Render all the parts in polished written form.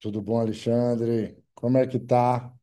Tudo bom, Alexandre? Como é que tá?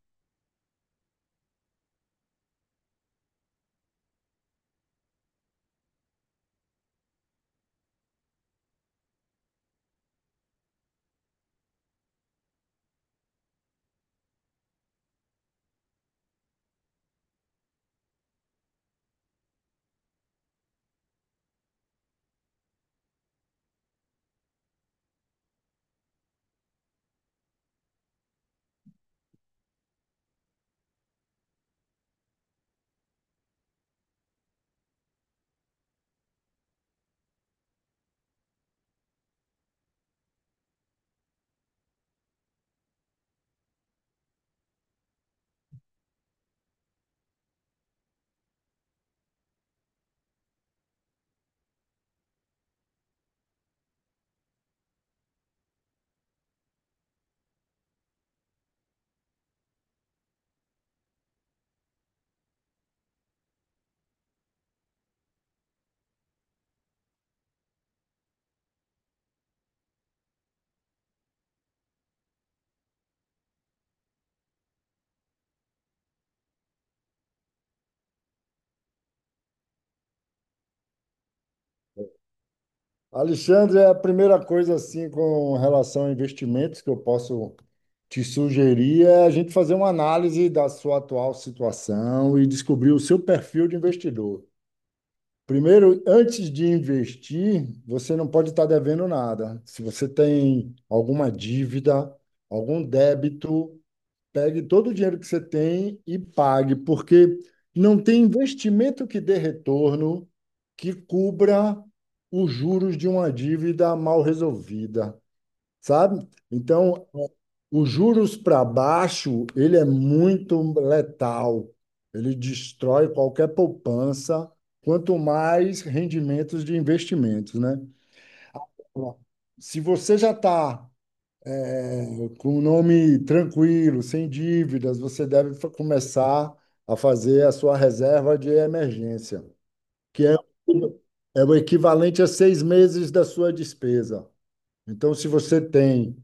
Alexandre, é a primeira coisa assim com relação a investimentos que eu posso te sugerir é a gente fazer uma análise da sua atual situação e descobrir o seu perfil de investidor. Primeiro, antes de investir, você não pode estar devendo nada. Se você tem alguma dívida, algum débito, pegue todo o dinheiro que você tem e pague, porque não tem investimento que dê retorno que cubra os juros de uma dívida mal resolvida, sabe? Então, os juros para baixo, ele é muito letal. Ele destrói qualquer poupança, quanto mais rendimentos de investimentos, né? Se você já está com um nome tranquilo, sem dívidas, você deve começar a fazer a sua reserva de emergência, que é o equivalente a seis meses da sua despesa. Então, se você tem,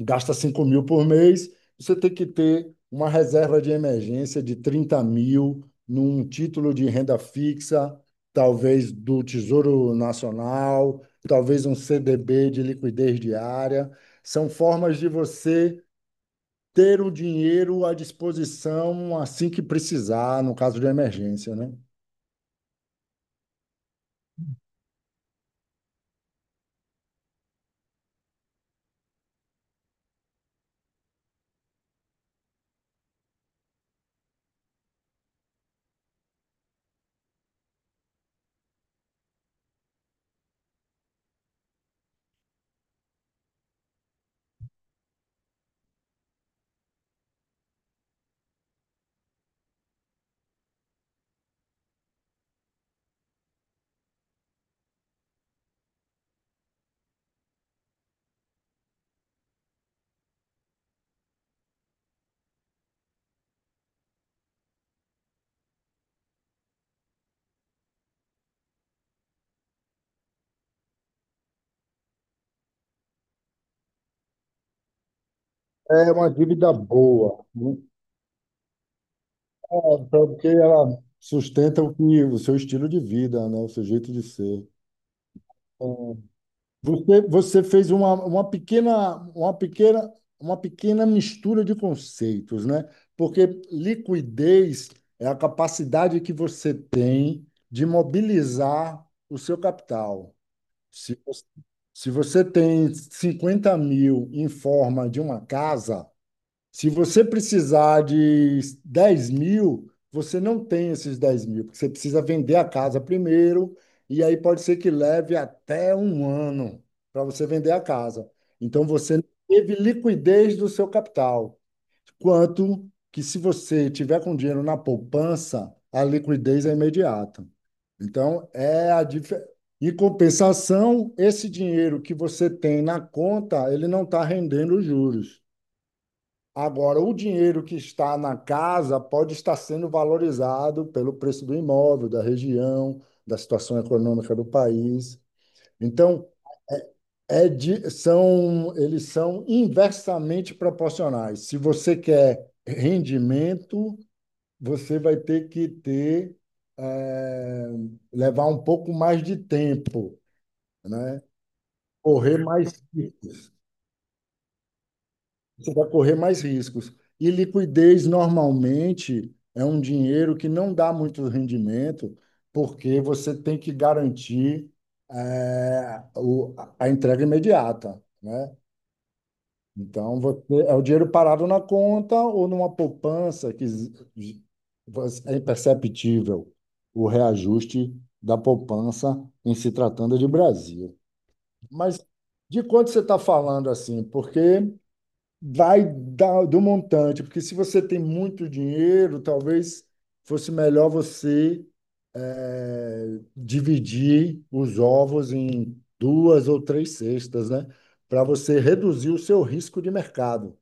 gasta 5 mil por mês, você tem que ter uma reserva de emergência de 30 mil num título de renda fixa, talvez do Tesouro Nacional, talvez um CDB de liquidez diária. São formas de você ter o dinheiro à disposição assim que precisar, no caso de emergência, né? É uma dívida boa, muito boa, porque ela sustenta o, que, o seu estilo de vida, né? O seu jeito de ser. Então, você fez uma pequena mistura de conceitos, né? Porque liquidez é a capacidade que você tem de mobilizar o seu capital. Se você, se você tem 50 mil em forma de uma casa, se você precisar de 10 mil, você não tem esses 10 mil, porque você precisa vender a casa primeiro, e aí pode ser que leve até um ano para você vender a casa. Então você não teve liquidez do seu capital. Quanto que se você tiver com dinheiro na poupança, a liquidez é imediata. Então, é a dif... Em compensação, esse dinheiro que você tem na conta, ele não está rendendo os juros. Agora, o dinheiro que está na casa pode estar sendo valorizado pelo preço do imóvel, da região, da situação econômica do país. Então, eles são inversamente proporcionais. Se você quer rendimento, você vai ter que eh, levar um pouco mais de tempo, né? Correr mais Você vai correr mais riscos. E liquidez normalmente é um dinheiro que não dá muito rendimento, porque você tem que garantir eh, o- a entrega imediata, né? Então, é o dinheiro parado na conta ou numa poupança é imperceptível o reajuste da poupança em se tratando de Brasil. Mas de quanto você está falando assim? Porque vai do montante, porque se você tem muito dinheiro, talvez fosse melhor você dividir os ovos em duas ou três cestas, né? Para você reduzir o seu risco de mercado.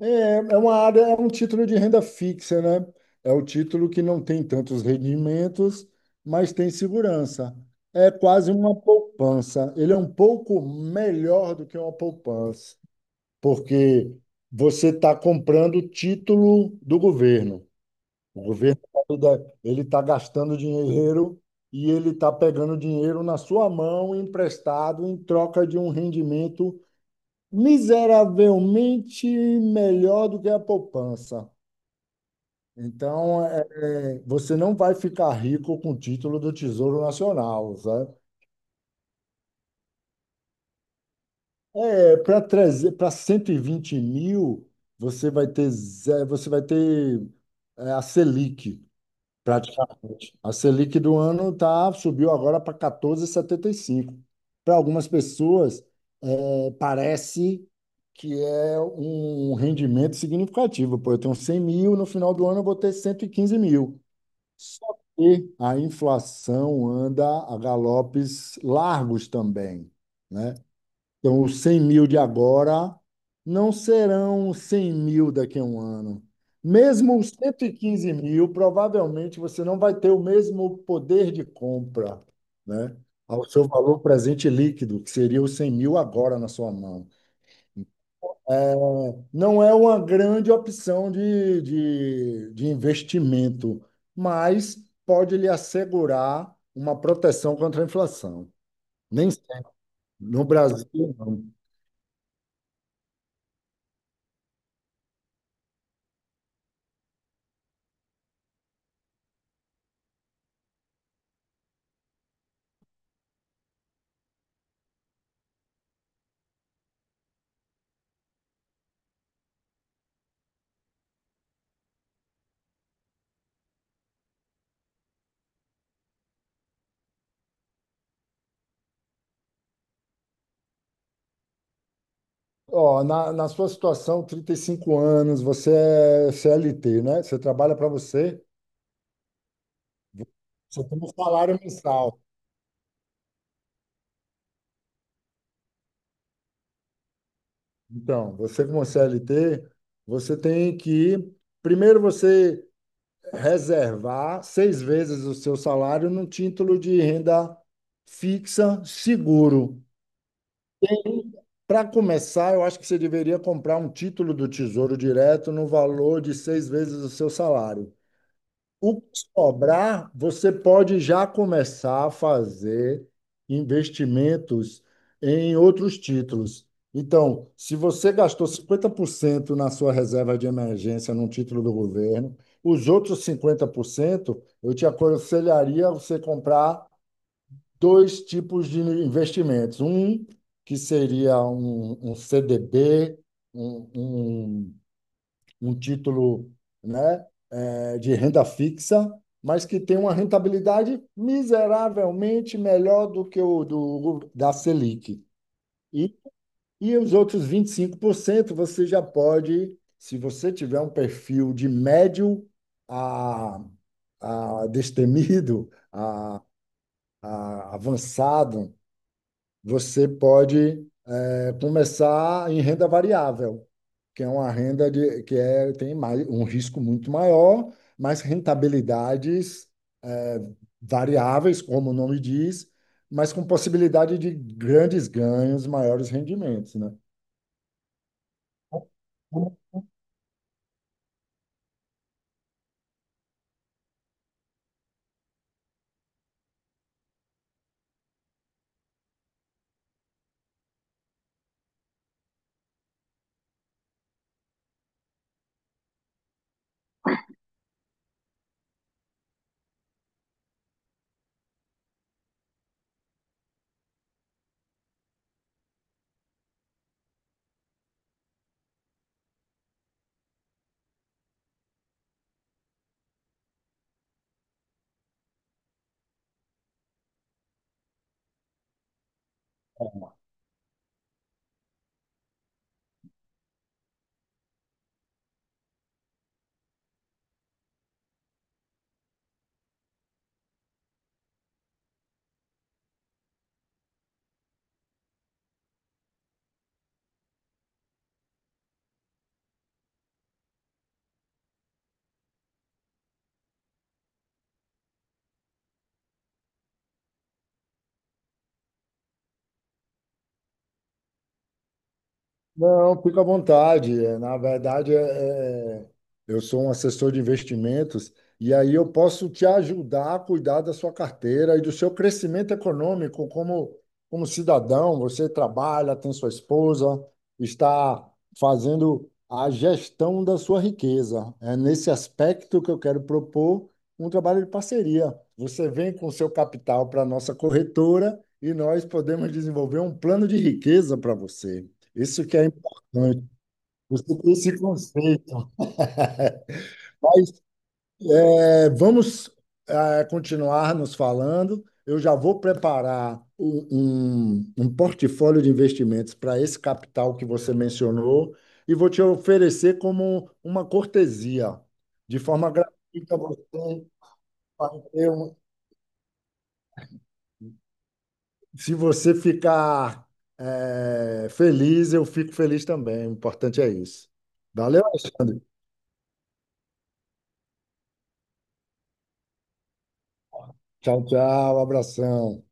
É, é uma área, é um título de renda fixa, né? É o título que não tem tantos rendimentos, mas tem segurança. É quase uma poupança. Ele é um pouco melhor do que uma poupança, porque você está comprando título do governo. O governo ele está gastando dinheiro e ele está pegando dinheiro na sua mão emprestado em troca de um rendimento miseravelmente melhor do que a poupança. Então, você não vai ficar rico com o título do Tesouro Nacional, sabe? É, para trazer para 120 mil, você vai ter a Selic, praticamente. A Selic do ano subiu agora para 14,75. Para algumas pessoas, parece que é um rendimento significativo. Pô, eu tenho 100 mil, no final do ano eu vou ter 115 mil. Só que a inflação anda a galopes largos também, né? Então, os 100 mil de agora não serão 100 mil daqui a um ano. Mesmo os 115 mil, provavelmente você não vai ter o mesmo poder de compra, né? Ao seu valor presente líquido, que seria os 100 mil agora na sua mão. Não é uma grande opção de investimento, mas pode lhe assegurar uma proteção contra a inflação. Nem sempre. No Brasil, não. Ó, na sua situação, 35 anos, você é CLT, né? Você trabalha para você, você tem um salário mensal. Então, você como CLT, você tem que, primeiro você reservar seis vezes o seu salário num título de renda fixa seguro. Para começar, eu acho que você deveria comprar um título do Tesouro Direto no valor de seis vezes o seu salário. O que sobrar, você pode já começar a fazer investimentos em outros títulos. Então, se você gastou 50% na sua reserva de emergência num título do governo, os outros 50%, eu te aconselharia você comprar dois tipos de investimentos. Um, que seria um CDB, um, um um título, né, de renda fixa, mas que tem uma rentabilidade miseravelmente melhor do que o da Selic. E, e os outros 25% você já pode, se você tiver um perfil de médio a, a, destemido, a avançado, você pode é começar em renda variável, que é uma renda tem mais, um risco muito maior, mas rentabilidades é, variáveis, como o nome diz, mas com possibilidade de grandes ganhos, maiores rendimentos, né? Não, fica à vontade. É, na verdade, é, eu sou um assessor de investimentos e aí eu posso te ajudar a cuidar da sua carteira e do seu crescimento econômico como cidadão. Você trabalha, tem sua esposa, está fazendo a gestão da sua riqueza. É nesse aspecto que eu quero propor um trabalho de parceria. Você vem com seu capital para a nossa corretora e nós podemos desenvolver um plano de riqueza para você. Isso que é importante. Você tem esse conceito. Mas vamos é continuar nos falando. Eu já vou preparar um portfólio de investimentos para esse capital que você mencionou e vou te oferecer como uma cortesia, de forma gratuita. Você vai ter um- se você ficar feliz, eu fico feliz também. O importante é isso. Valeu, Alexandre. Tchau, tchau. Abração.